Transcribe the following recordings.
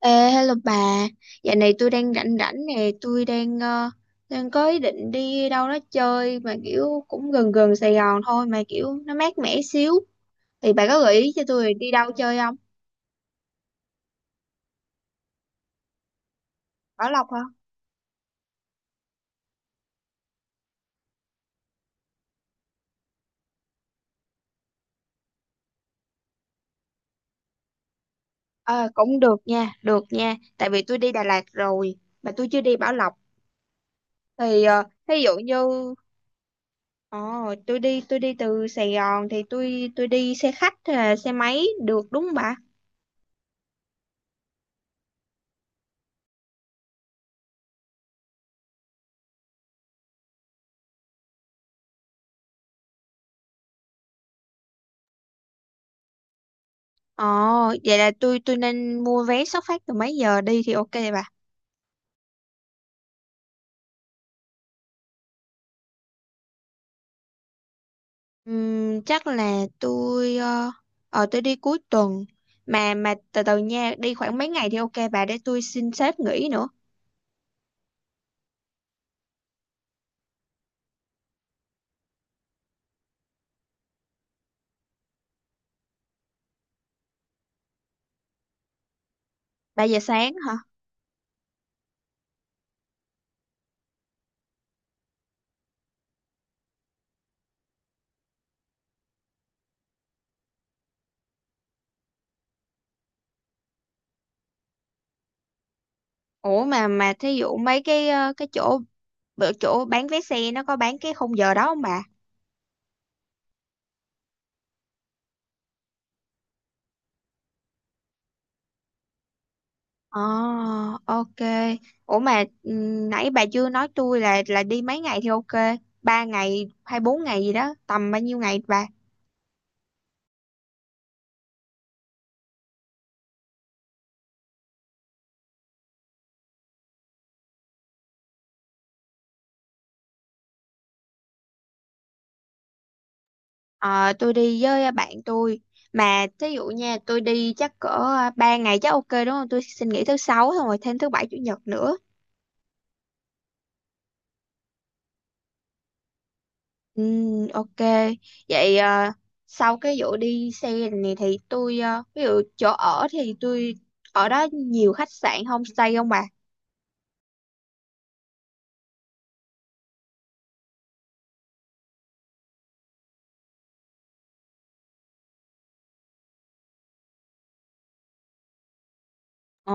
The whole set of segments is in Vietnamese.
Ê, hello bà, dạo này tôi đang rảnh rảnh nè, tôi đang đang có ý định đi đâu đó chơi mà kiểu cũng gần gần Sài Gòn thôi mà kiểu nó mát mẻ xíu. Thì bà có gợi ý cho tôi đi đâu chơi không? Bảo Lộc hả? Ờ, cũng được nha, tại vì tôi đi Đà Lạt rồi mà tôi chưa đi Bảo Lộc. Thì thí dụ như ờ, tôi đi từ Sài Gòn thì tôi đi xe khách hay là xe máy được đúng không bà? Ồ, vậy là tôi nên mua vé xuất phát từ mấy giờ đi thì ok bà. Chắc là tôi tôi đi cuối tuần, mà từ từ nha, đi khoảng mấy ngày thì ok bà để tôi xin sếp nghỉ nữa. 3 giờ sáng hả? Ủa, mà thí dụ mấy cái cái chỗ bữa chỗ bán vé xe nó có bán cái khung giờ đó không bà? ờ ok. Ủa mà nãy bà chưa nói tôi là đi mấy ngày thì ok, ba ngày hay bốn ngày gì đó, tầm bao nhiêu ngày bà? Ờ, tôi đi với bạn tôi, mà thí dụ nha, tôi đi chắc cỡ 3 ngày chắc ok đúng không, tôi xin nghỉ thứ sáu xong rồi thêm thứ bảy chủ nhật nữa. Ừ, ok. Vậy sau cái vụ đi xe này thì tôi ví dụ chỗ ở thì tôi ở đó nhiều khách sạn homestay không bà? ờ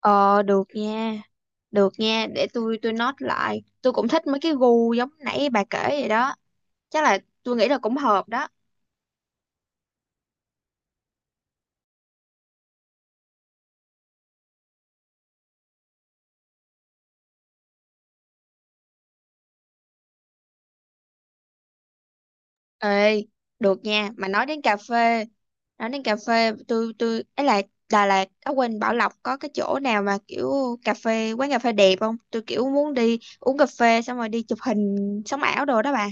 ờ được nha, được nha, để tôi note lại, tôi cũng thích mấy cái gu giống nãy bà kể vậy đó, chắc là tôi nghĩ là cũng hợp đó. Ê, được nha, mà nói đến cà phê, nói đến cà phê, tôi ấy là Đà Lạt, ở quên, Bảo Lộc có cái chỗ nào mà kiểu cà phê, quán cà phê đẹp không? Tôi kiểu muốn đi uống cà phê xong rồi đi chụp hình sống ảo đồ đó bà.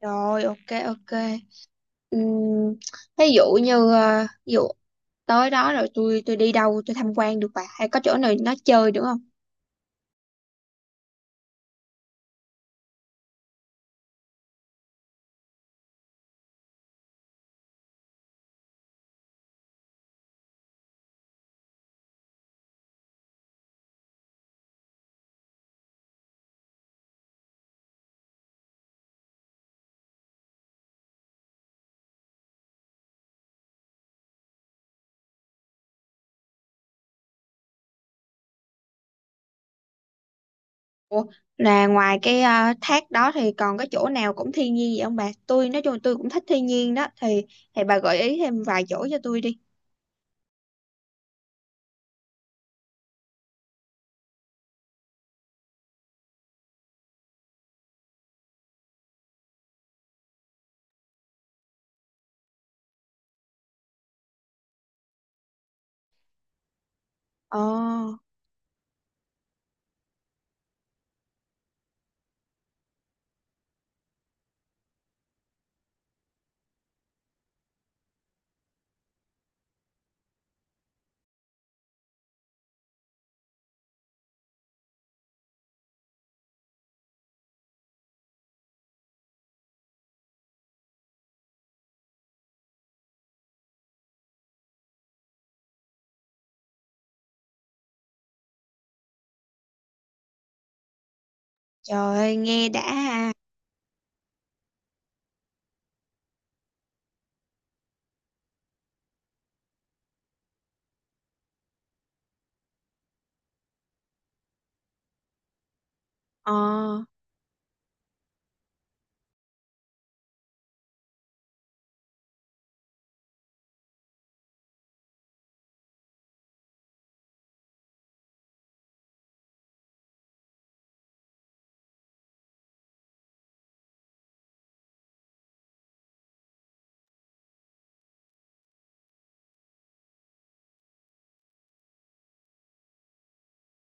Rồi, ok ok. Ừm, ví dụ như ví dụ tới đó rồi tôi đi đâu, tôi tham quan được bà, hay có chỗ nào nó chơi được không? Ủa, là ngoài cái thác đó thì còn cái chỗ nào cũng thiên nhiên vậy không bà? Tôi nói chung là tôi cũng thích thiên nhiên đó thì bà gợi ý thêm vài chỗ cho tôi đi. Ồ, trời ơi, nghe đã ha. Ờ,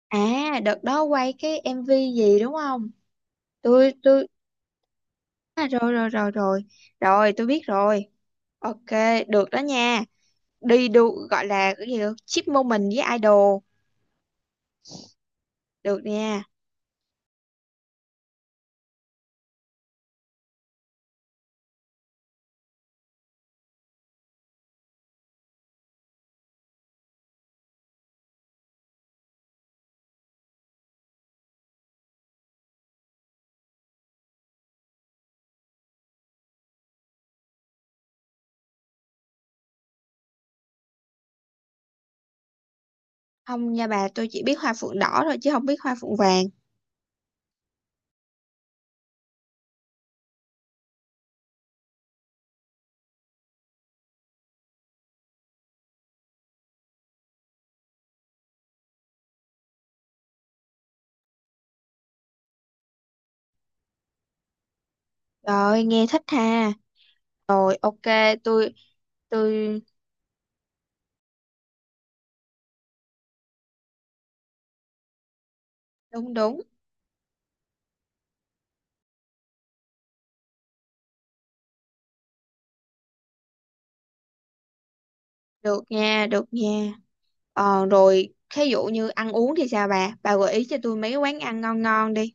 à đợt đó quay cái MV gì đúng không? Tôi à, rồi rồi rồi rồi. Rồi tôi biết rồi. Ok, được đó nha. Đi đu gọi là cái gì đó, chip moment với idol. Được nha. Không nha bà, tôi chỉ biết hoa phượng đỏ thôi chứ không biết hoa phượng vàng. Rồi, nghe thích ha. Rồi ok, tôi tôi đúng đúng, được nha, được nha. Ờ, rồi thí dụ như ăn uống thì sao bà? Bà gợi ý cho tôi mấy quán ăn ngon ngon đi.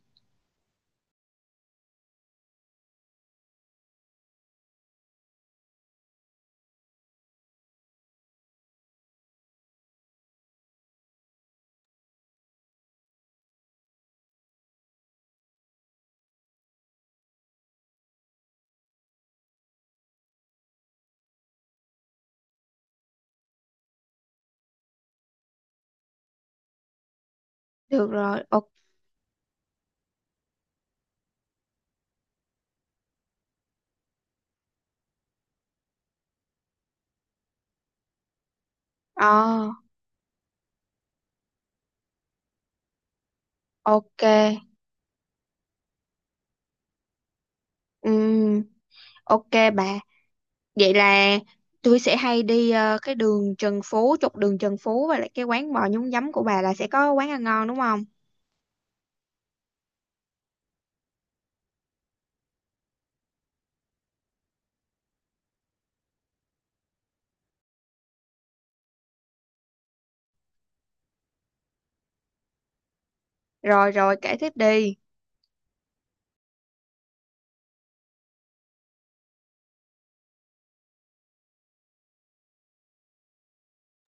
Được rồi. Ok. Ờ, ok. Ừm, ok bà. Vậy là tôi sẽ hay đi cái đường Trần Phú, trục đường Trần Phú, và lại cái quán bò nhúng giấm của bà là sẽ có quán ăn ngon đúng không? Rồi rồi, kể tiếp đi.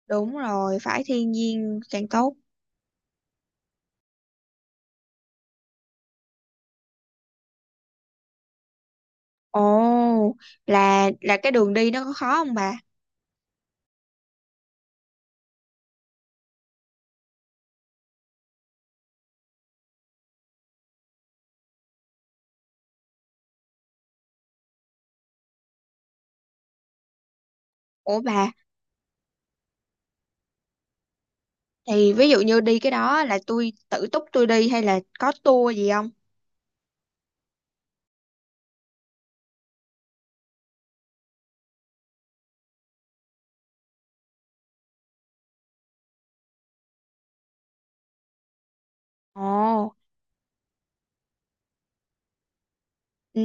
Đúng rồi, phải thiên nhiên càng tốt. Ồ, là cái đường đi nó có khó không bà? Ủa bà, thì ví dụ như đi cái đó là tôi tự túc tôi đi hay là có tour gì không? Ồ, ừ,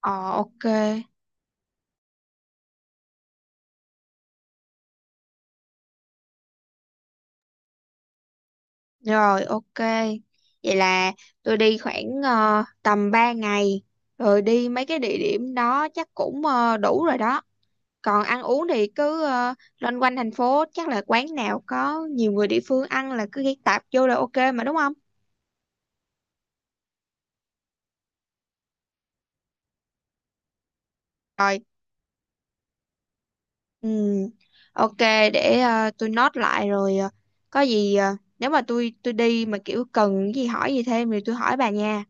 ờ, ok, rồi ok. Vậy là tôi đi khoảng tầm 3 ngày, rồi đi mấy cái địa điểm đó chắc cũng đủ rồi đó. Còn ăn uống thì cứ loanh quanh thành phố, chắc là quán nào có nhiều người địa phương ăn là cứ ghé tạp vô là ok mà đúng không? Ừ, ok, để tôi note lại rồi. Ờ, có gì nếu mà tôi đi mà kiểu cần cái gì hỏi gì thêm thì tôi hỏi bà nha.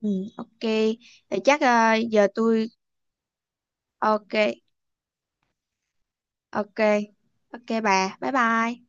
Ừ, ok. Thì chắc giờ tôi ok, ok ok bà. Bye bye.